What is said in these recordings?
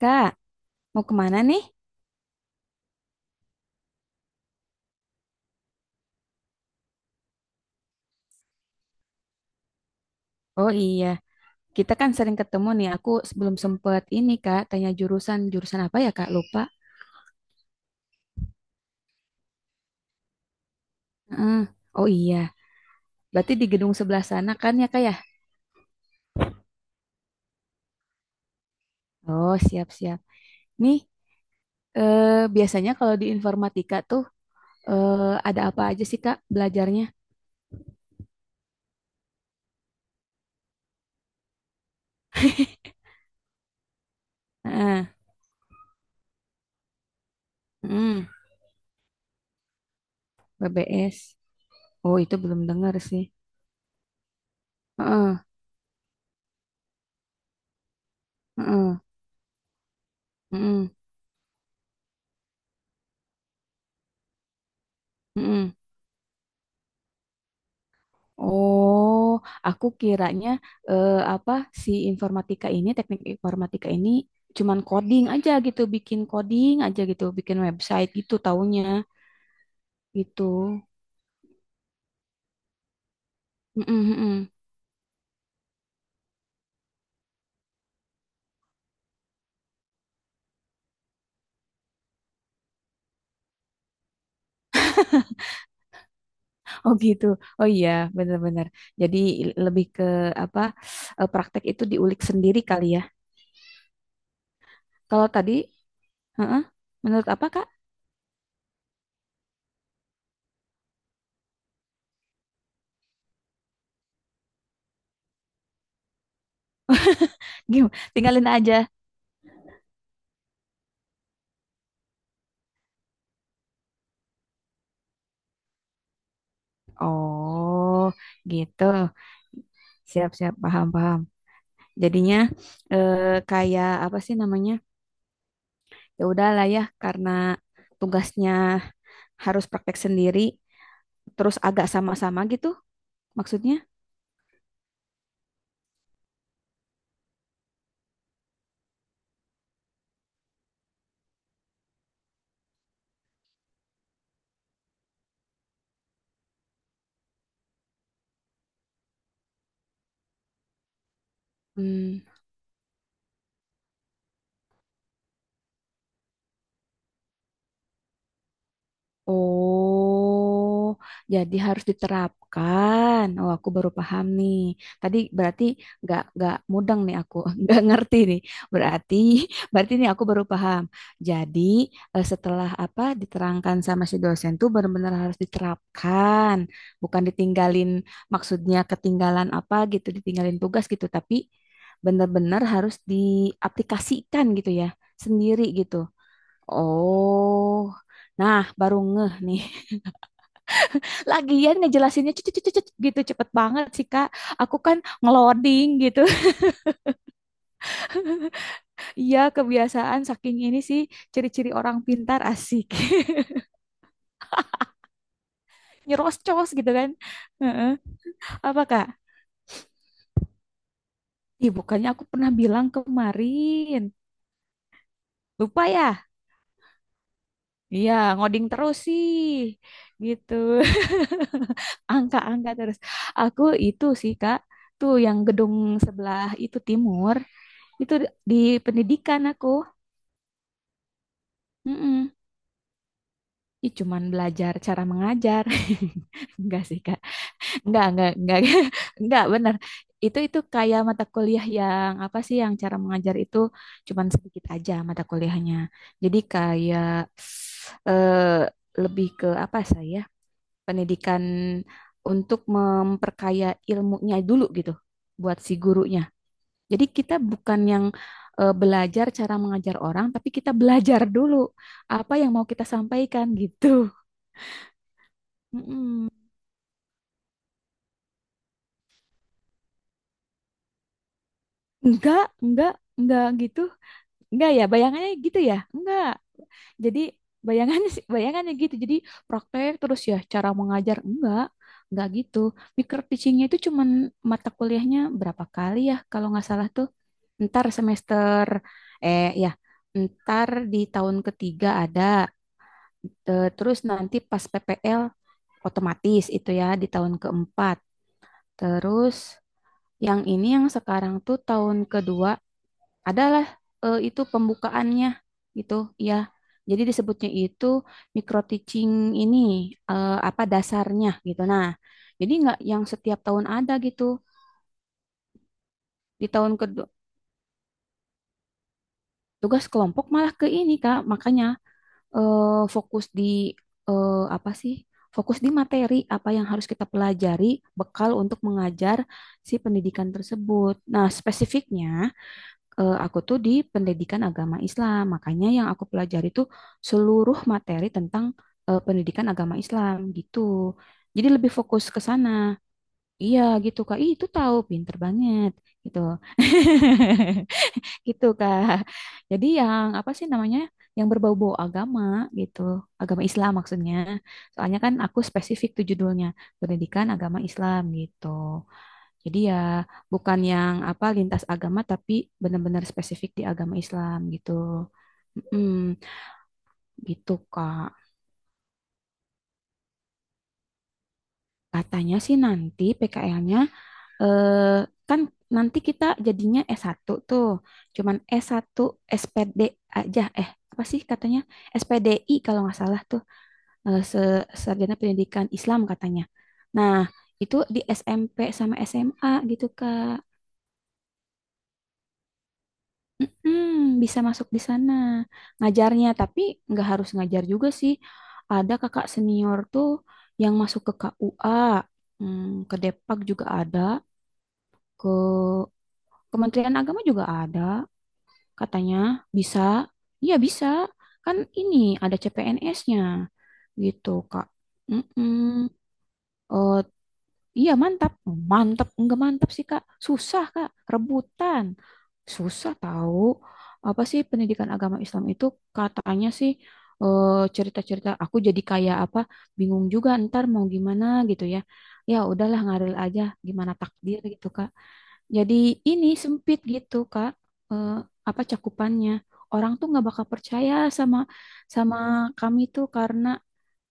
Kak, mau kemana nih? Oh iya, kita kan sering ketemu nih. Aku sebelum sempet ini Kak, tanya jurusan. Jurusan apa ya Kak? Lupa. Heeh. Oh iya, berarti di gedung sebelah sana kan ya Kak ya? Oh siap-siap. Nih, eh, biasanya kalau di informatika tuh eh, ada apa aja sih Kak belajarnya? Heeh. Heeh. BBS. Oh itu belum dengar sih. Heeh. Heeh. Heeh. Heeh. Oh, aku kiranya eh, apa si informatika ini, teknik informatika ini cuman coding aja gitu, bikin coding aja gitu, bikin website gitu taunya gitu. Mm-mm, mm-mm. Oh gitu. Oh iya, benar-benar. Jadi lebih ke apa praktek itu diulik sendiri kali ya. Kalau tadi, heeh, menurut apa Kak? Gim, tinggalin aja. Oh, gitu. Siap-siap, paham-paham. Jadinya eh, kayak apa sih namanya? Ya udahlah ya karena tugasnya harus praktek sendiri terus agak sama-sama gitu maksudnya. Hmm. Oh, jadi harus diterapkan. Oh, aku baru paham nih. Tadi berarti nggak mudeng nih aku, nggak ngerti nih. Berarti berarti nih aku baru paham. Jadi setelah apa diterangkan sama si dosen tuh benar-benar harus diterapkan, bukan ditinggalin. Maksudnya ketinggalan apa gitu, ditinggalin tugas gitu, tapi benar-benar harus diaplikasikan gitu ya, sendiri gitu. Oh, nah baru ngeh nih. Lagian ngejelasinnya cut, cut, cut, cut, gitu cepet banget sih Kak. Aku kan ngeloding gitu. Iya kebiasaan saking ini sih ciri-ciri orang pintar asik. Nyerocos gitu kan. Heeh. Apa Kak? Ih bukannya aku pernah bilang kemarin. Lupa ya? Iya ngoding terus sih. Gitu. Angka-angka terus. Aku itu sih Kak. Tuh yang gedung sebelah itu timur. Itu di pendidikan aku. Mm-mm. Ih, cuman belajar cara mengajar. Enggak sih, Kak. Enggak, enggak. Enggak, benar. Itu kayak mata kuliah yang apa sih yang cara mengajar itu cuman sedikit aja mata kuliahnya. Jadi kayak eh, lebih ke apa saya? Pendidikan untuk memperkaya ilmunya dulu gitu buat si gurunya. Jadi kita bukan yang belajar cara mengajar orang, tapi kita belajar dulu apa yang mau kita sampaikan gitu. Mm-mm. Enggak, enggak, enggak gitu. Enggak ya, bayangannya gitu ya? Enggak. Jadi bayangannya gitu. Jadi praktek terus ya cara mengajar enggak. Enggak gitu. Micro teachingnya itu cuman mata kuliahnya berapa kali ya kalau nggak salah tuh. Ntar semester ya, ntar di tahun ketiga ada. Terus nanti pas PPL otomatis itu ya di tahun keempat. Terus yang ini yang sekarang tuh tahun kedua adalah itu pembukaannya gitu ya. Jadi disebutnya itu micro teaching ini apa dasarnya gitu. Nah, jadi nggak yang setiap tahun ada gitu. Di tahun kedua tugas kelompok malah ke ini Kak, makanya eh, fokus di apa sih? Fokus di materi apa yang harus kita pelajari, bekal untuk mengajar si pendidikan tersebut. Nah, spesifiknya aku tuh di pendidikan agama Islam, makanya yang aku pelajari tuh seluruh materi tentang pendidikan agama Islam gitu. Jadi lebih fokus ke sana. Iya gitu Kak. Ih, itu tahu pinter banget gitu. Gitu Kak. Jadi yang apa sih namanya? Yang berbau-bau agama gitu. Agama Islam maksudnya. Soalnya kan aku spesifik tuh judulnya, pendidikan agama Islam gitu. Jadi ya bukan yang apa lintas agama tapi benar-benar spesifik di agama Islam gitu. Mm, gitu Kak. Katanya sih nanti PKL-nya eh, kan nanti kita jadinya S1 tuh. Cuman S1 SPD aja. Eh, apa sih katanya? SPDI kalau nggak salah tuh. Sarjana Pendidikan Islam katanya. Nah, itu di SMP sama SMA gitu, Kak. Mm-mm, bisa masuk di sana. Ngajarnya, tapi nggak harus ngajar juga sih. Ada kakak senior tuh yang masuk ke KUA, ke Depak juga ada, ke Kementerian Agama juga ada. Katanya bisa, iya bisa. Kan ini ada CPNS-nya gitu, Kak. Mm-mm. Eh, iya mantap, mantap, enggak mantap sih, Kak. Susah, Kak, rebutan. Susah tahu. Apa sih pendidikan agama Islam itu katanya sih eh, cerita-cerita aku jadi kayak apa bingung juga ntar mau gimana gitu ya. Ya udahlah ngalir aja gimana takdir gitu, Kak. Jadi ini sempit gitu Kak, eh, apa cakupannya. Orang tuh nggak bakal percaya sama sama kami tuh karena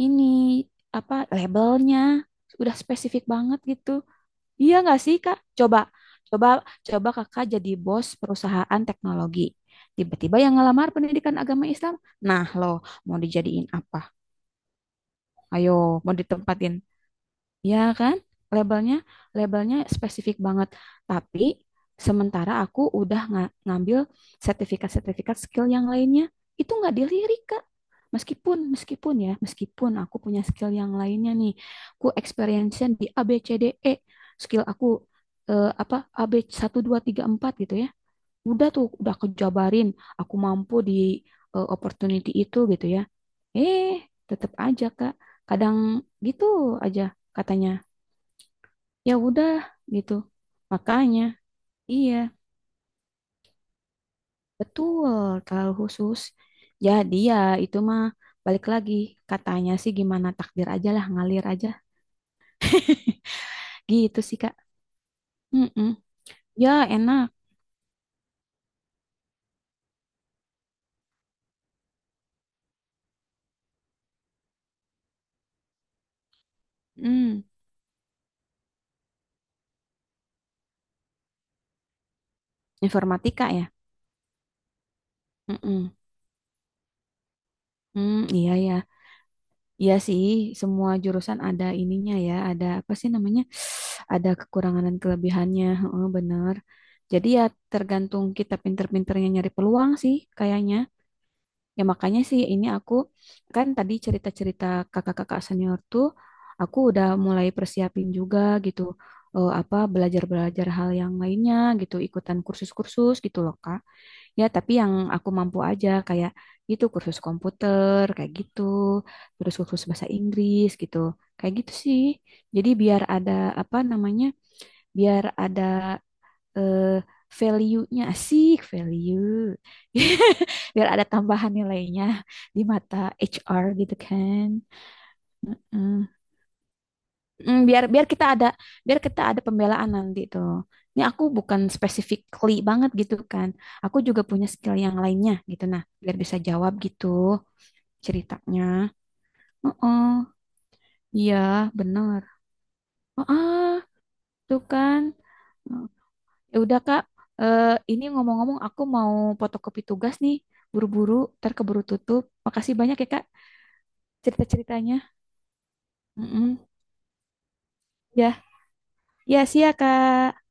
ini apa labelnya udah spesifik banget gitu. Iya nggak sih Kak? Coba, coba, coba Kakak jadi bos perusahaan teknologi. Tiba-tiba yang ngelamar pendidikan agama Islam, nah loh mau dijadiin apa? Ayo, mau ditempatin. Ya kan? Labelnya, labelnya spesifik banget. Tapi sementara aku udah ngambil sertifikat-sertifikat skill yang lainnya, itu nggak dilirik, Kak. Meskipun aku punya skill yang lainnya nih, ku experience-nya di A, B, C, D, E, skill aku eh, apa A, B, satu, 2, 3, 4 gitu ya. Udah tuh, udah kejabarin, aku mampu di opportunity itu gitu ya. Eh, tetap aja, Kak. Kadang gitu aja katanya ya udah gitu. Makanya, iya, betul, terlalu khusus. Jadi ya itu mah balik lagi katanya sih gimana takdir aja lah, ngalir aja. Gitu sih, Kak. Mm-mm. Ya, enak. Mm. Informatika ya. Mm-mm. Mm, iya ya. Iya sih, semua jurusan ada ininya ya, ada apa sih namanya? Ada kekurangan dan kelebihannya. Heeh, bener. Jadi ya tergantung kita pinter-pinternya nyari peluang sih kayaknya. Ya makanya sih ini aku kan tadi cerita-cerita kakak-kakak senior tuh aku udah mulai persiapin juga gitu apa belajar-belajar hal yang lainnya gitu ikutan kursus-kursus gitu loh Kak. Ya tapi yang aku mampu aja kayak gitu kursus komputer kayak gitu, terus kursus bahasa Inggris gitu. Kayak gitu sih. Jadi biar ada apa namanya? Biar ada eh value-nya asik value. Biar ada tambahan nilainya di mata HR gitu kan. Hmm. Hmm, biar biar kita ada pembelaan nanti tuh ini aku bukan specifically banget gitu kan aku juga punya skill yang lainnya gitu nah biar bisa jawab gitu ceritanya. Oh, oh, iya benar. oh ah, Tuh kan. Ya udah, Kak. Ini ngomong-ngomong aku mau fotokopi tugas nih, buru-buru, ntar keburu tutup. Makasih banyak ya Kak cerita-ceritanya. Mm-mm. Ya, ya sih ya Kak.